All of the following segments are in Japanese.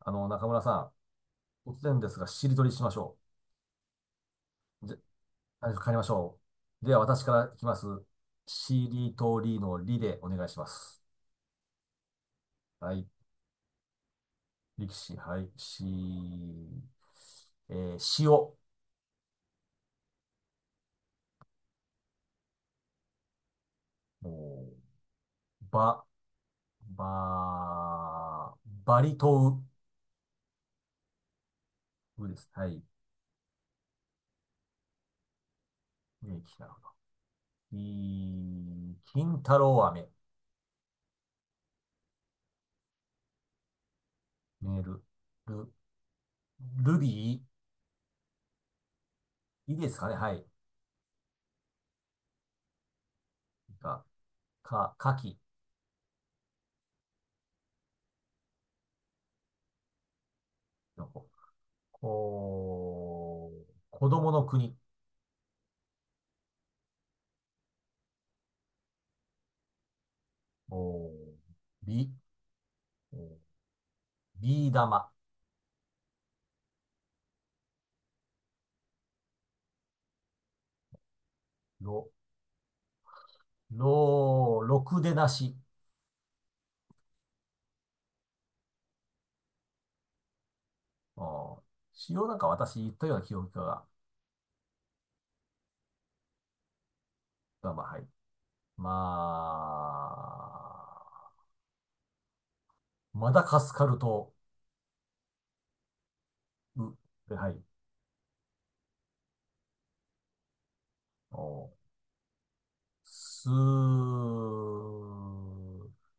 あの、中村さん、突然ですが、しりとりしましょう。じゃ、あ帰りましょう。では、私からいきます。しりとりのりでお願いします。はい。力士、はい。し、塩、おーば、ば、バリとう、うです。はい。きなるほど。い、金太郎飴、メール、ル、ルビー、いいですかね。はい。か、か、かき、のこ。おー、子供の国。おー、び、おビー玉。ろ、ろ、ろくでなし。おー、しようなんか私言ったような記憶が、まあまあ、はい。まあ、マダカスカル島。う、で、はい。おー、す、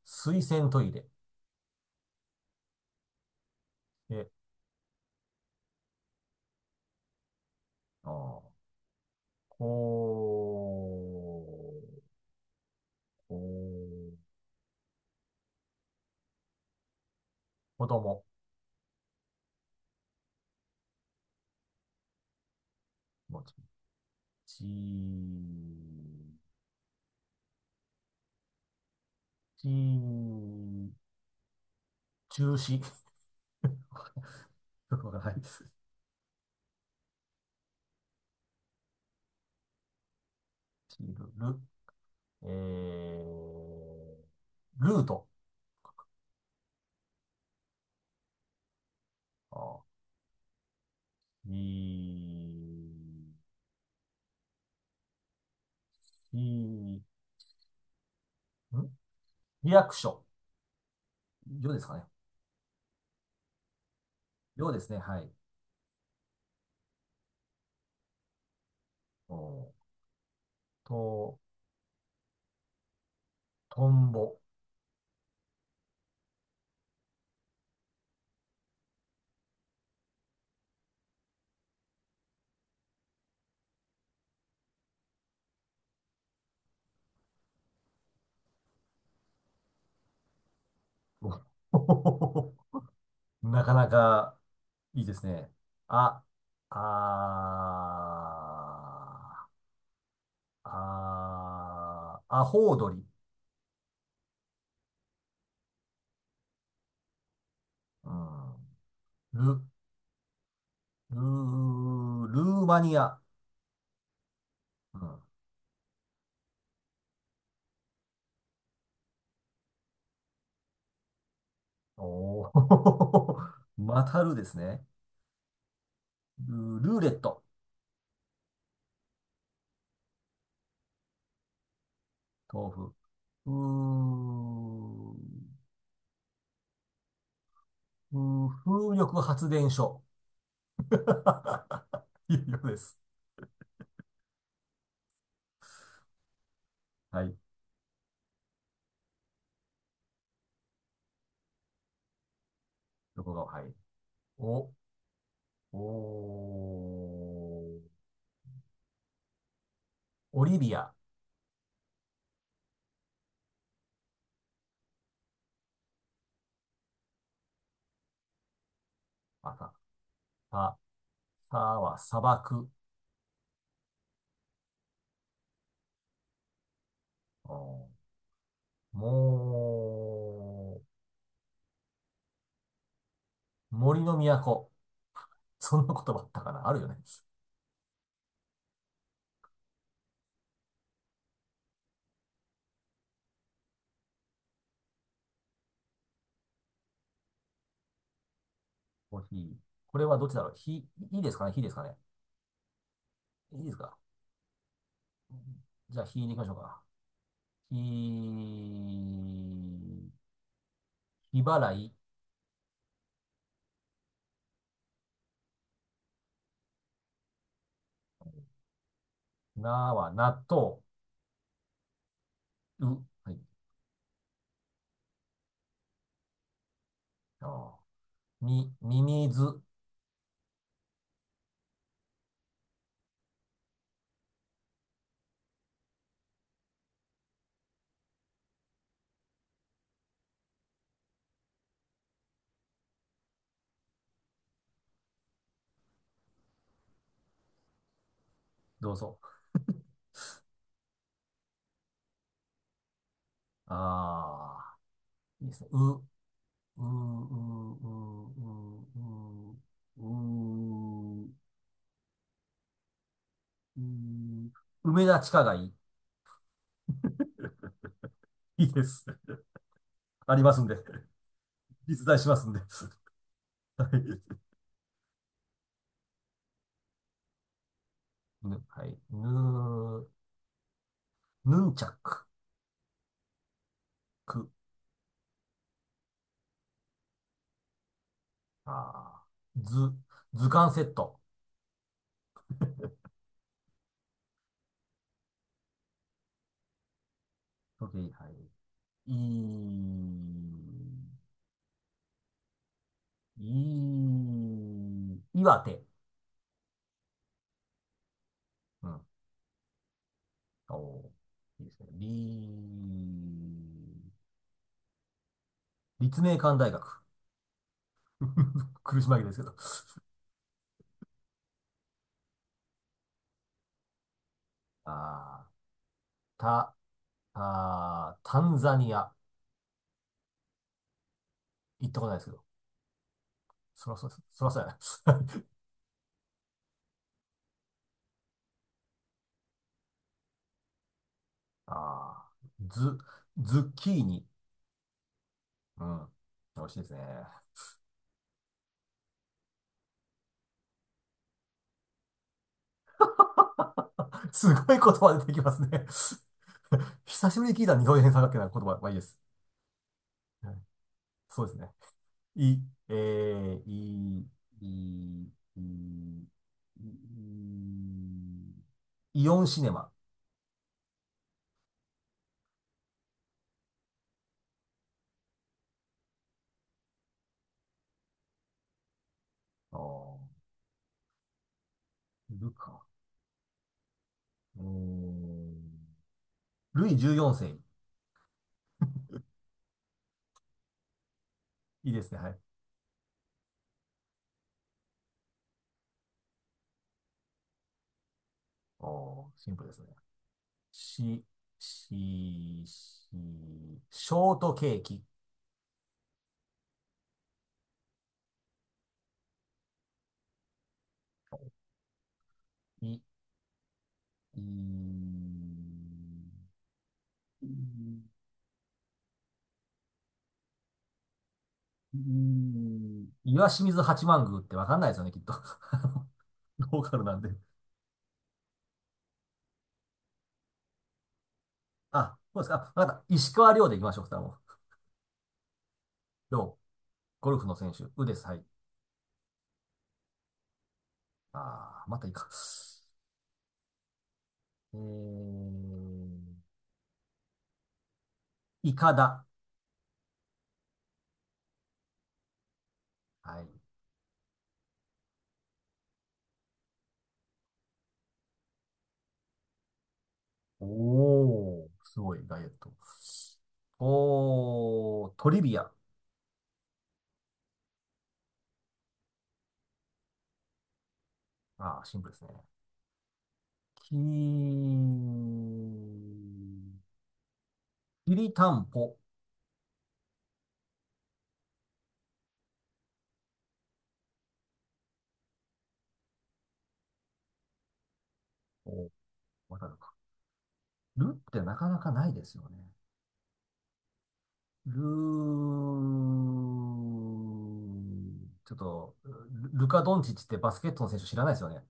水洗トイレ。え、おー、こ、こ、子供。もうち、ち、中止。よくわからないです。ちる、る、えルート。あ、ち、ち、んリアクション。よですかね。よですね。はい。おと、トンボ。お なかなかいいですね。あ、あアホウドリ。うん。ル、ルー、ルーマニア。うん。おお またるですね。ル、ルーレット。豆腐。うーん、うー風力発電所。いうようです。はい。どこが、はい。お、おー、オリビア。また。さ、さは砂漠。おーもう、森の都。そんな言葉あったかなあるよね。コーヒー。これはどっちだろうひ、いいですかねひですかねいいですかじゃあ、ひでいきましょうか。ひ、ひ払い。なは納豆。う。はい。あみ、ミミズ。どうぞ。ああ、いいですね。う、う、う、う、う、う、う、う、う、梅田地下街。いいです。ありますんで。実在しますんで。はい。ぬ、はい。ぬ、ヌンチャク、く、あー、図、図鑑セット。OK はい。いい、い岩手。うん。おー、いいですね。り、立命館大学。苦し紛れですけど。あた、タンザニア。行ったことないですけど。そらそす。そらそうやな。あー、ズ、ズッキーニ。うん。美味しいですね。すごい言葉出てきますね。久しぶりに聞いた二等辺三角形な言葉。まあいいです。はいそうですね。い、えー、い、い、い、い、いイオンシネマ。あーいるか。うーんルイ14世。いいですね。はい。おー、シンプルですね。し、し、ショートケーキ。い、い、いうーん岩清水八幡宮ってわかんないですよね、きっと。あのローカルなんで。あ、そうですか。あわかった。石川遼で行きましょう、二人も。遼、ゴルフの選手。うです。はい。あー、またいいか。えー、イカダ。はい。おー、すごい、ダイエット。おー、トリビア。あー、シンプルですね。きーきりたんぽ。おわかるか。るってなかなかないですよね。ルー、ちょっと、ルルカ・ドンチッチってバスケットの選手知らないですよね。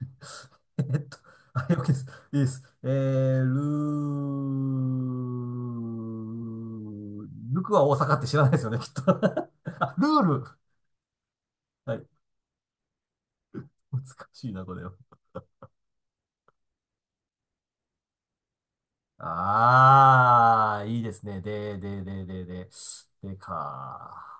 えっと、あ、OK です。いいです。ルー、ルクは大阪って知らないですよね、きっと。あ、ルール。はい。難しいな、これは。あー、いいですね。でか。